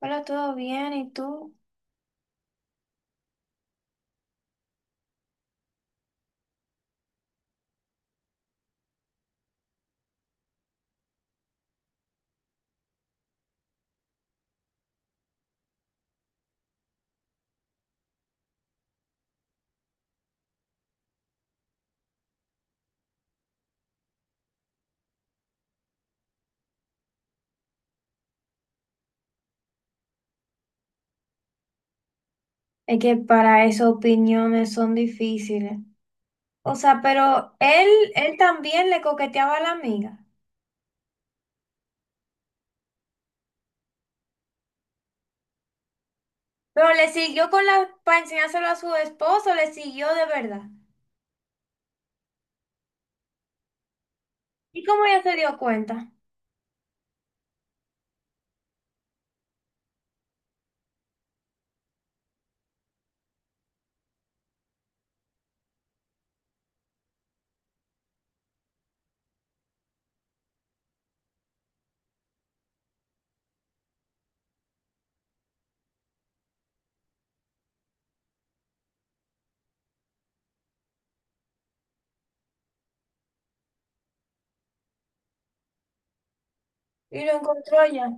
Hola, ¿todo bien? ¿Y tú? Es que para esas opiniones son difíciles. O sea, pero él también le coqueteaba a la amiga. Pero le siguió con la, para enseñárselo a su esposo, le siguió de verdad. ¿Y cómo ella se dio cuenta? Y lo encontró ya.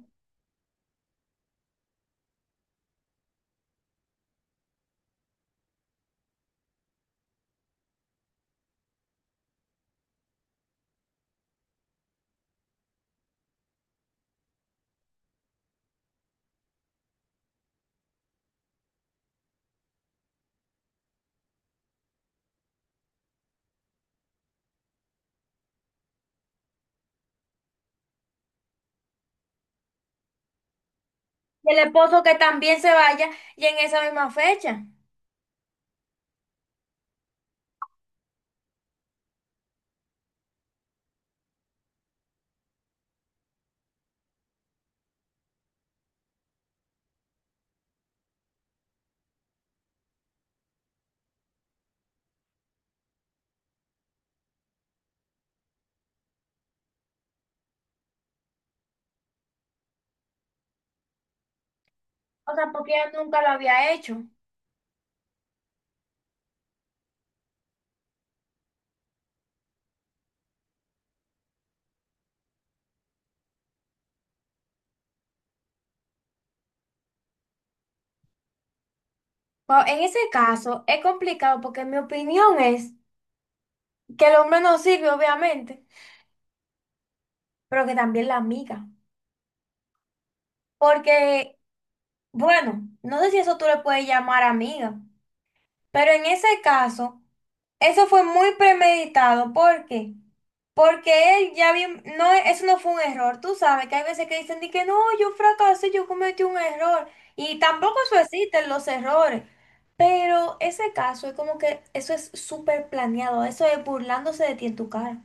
Y el esposo que también se vaya y en esa misma fecha. O sea, porque ella nunca lo había hecho. Pero en ese caso es complicado porque mi opinión es que el hombre no sirve, obviamente, pero que también la amiga. Porque bueno, no sé si eso tú le puedes llamar amiga, pero en ese caso, eso fue muy premeditado. ¿Por qué? Porque él ya bien, no, eso no fue un error. Tú sabes que hay veces que dicen de que no, yo fracasé, yo cometí un error. Y tampoco eso existen los errores. Pero ese caso es como que eso es súper planeado, eso es burlándose de ti en tu cara.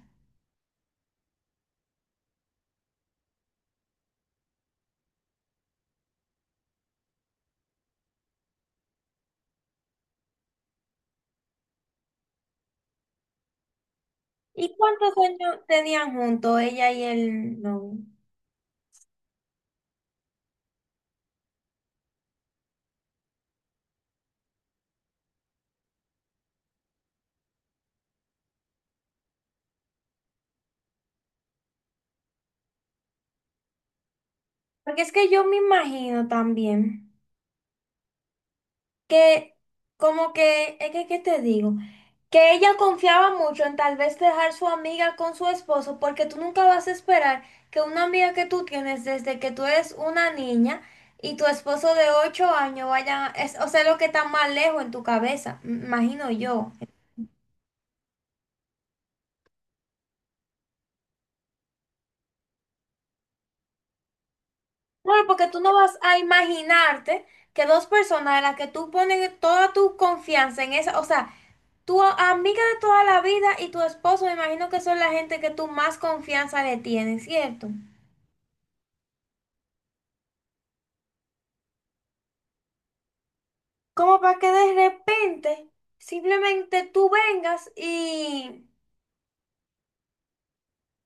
¿Y cuántos años tenían juntos ella y el novio? Porque es que yo me imagino también, que como que, es que, ¿qué te digo? Que ella confiaba mucho en tal vez dejar su amiga con su esposo, porque tú nunca vas a esperar que una amiga que tú tienes desde que tú eres una niña y tu esposo de 8 años vaya, es, o sea, lo que está más lejos en tu cabeza, imagino yo. Claro, porque tú no vas a imaginarte que dos personas a las que tú pones toda tu confianza en esa, o sea, tu amiga de toda la vida y tu esposo, me imagino que son la gente que tú más confianza le tienes, ¿cierto? Como para que de repente simplemente tú vengas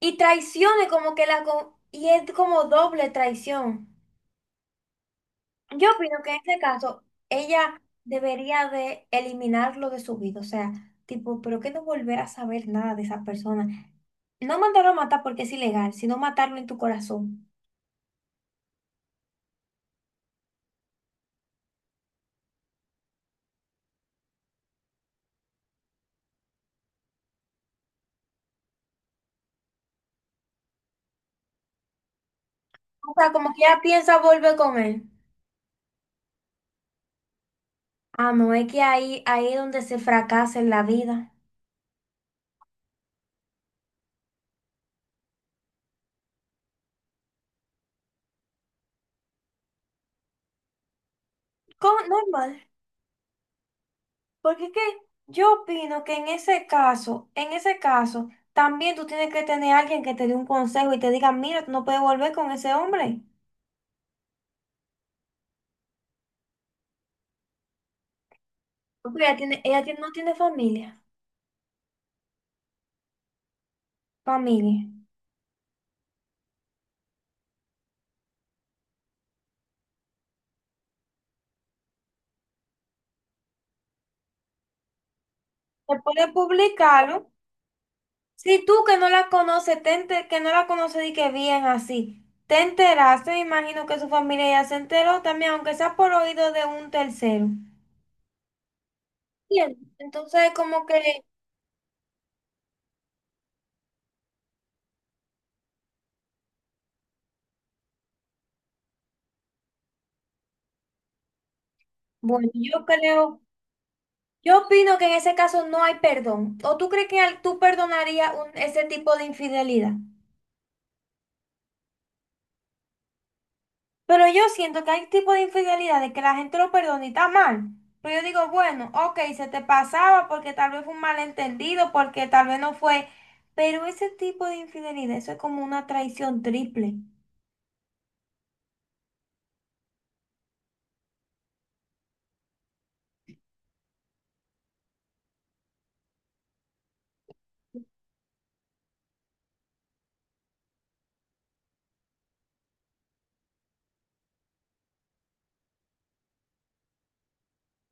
y traiciones como que y es como doble traición. Yo opino que en este caso ella debería de eliminarlo de su vida. O sea, tipo, pero que no volver a saber nada de esa persona. No mandarlo a matar porque es ilegal, sino matarlo en tu corazón. O sea, como que ella piensa volver con él. Ah, no, es que ahí es donde se fracasa en la vida. ¿Cómo? Normal. Porque es que yo opino que en ese caso, también tú tienes que tener a alguien que te dé un consejo y te diga, mira, tú no puedes volver con ese hombre. Porque no tiene familia. Familia. Se puede publicarlo. Si tú que no la conoces, que no la conoces y que bien así, te enteraste, me imagino que su familia ya se enteró también, aunque sea por oído de un tercero. Bien. Entonces, como que bueno, yo creo, yo opino que en ese caso no hay perdón. ¿O tú crees que tú perdonarías ese tipo de infidelidad? Pero yo siento que hay tipo de infidelidad de que la gente lo perdona y está mal. Pero yo digo, bueno, ok, se te pasaba porque tal vez fue un malentendido, porque tal vez no fue. Pero ese tipo de infidelidad, eso es como una traición triple.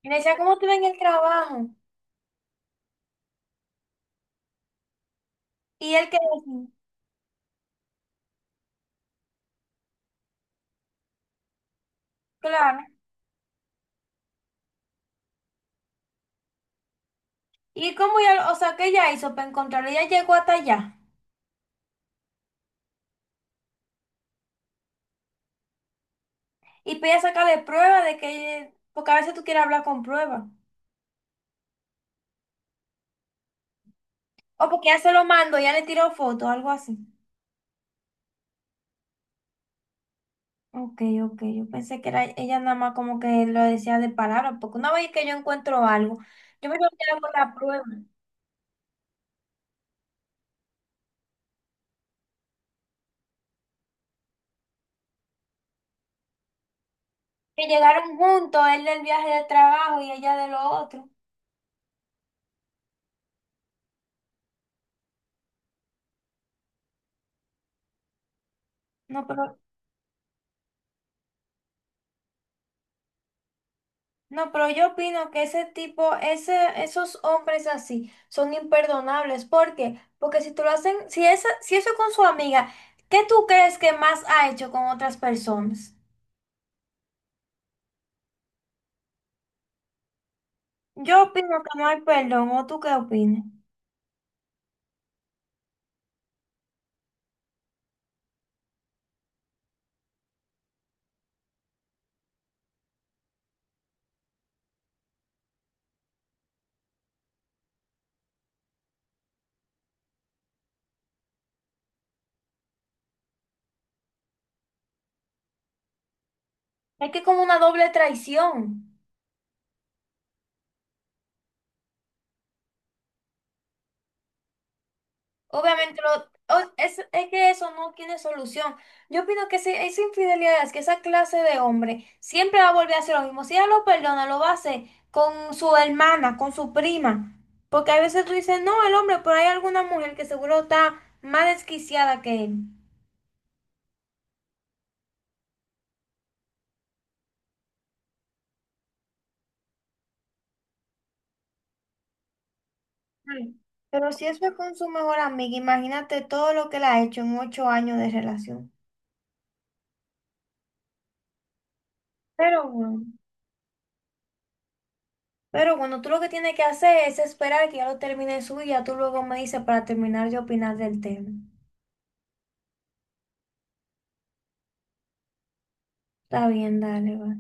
Y le decía, ¿cómo te va en el trabajo? Y él que decía, claro. ¿Y cómo ya, o sea, qué ella hizo para encontrarlo? Ella llegó hasta allá. Y pide sacarle prueba de que, porque a veces tú quieres hablar con prueba. O porque ya se lo mando, ya le tiró foto, algo así. Ok, yo pensé que era ella nada más como que lo decía de palabra, porque una vez que yo encuentro algo, yo me lo quedo con la prueba. Que llegaron juntos, él del viaje de trabajo y ella de lo otro. No, pero No, pero yo opino que esos hombres así son imperdonables. ¿Por qué? Porque si tú lo hacen, si eso con su amiga, ¿qué tú crees que más ha hecho con otras personas? Yo opino que no hay perdón, ¿o tú qué opinas? Es que es como una doble traición. Obviamente, es que eso no tiene solución. Yo opino que si es infidelidad, es que esa clase de hombre siempre va a volver a hacer lo mismo. Si ella lo perdona, lo va a hacer con su hermana, con su prima. Porque a veces tú dices, no, el hombre, pero hay alguna mujer que seguro está más desquiciada que él. Mm. Pero si eso es con su mejor amiga, imagínate todo lo que le ha hecho en 8 años de relación. Pero bueno. Pero bueno, tú lo que tienes que hacer es esperar que ya lo termine de y ya tú luego me dices para terminar de opinar del tema. Está bien, dale, va.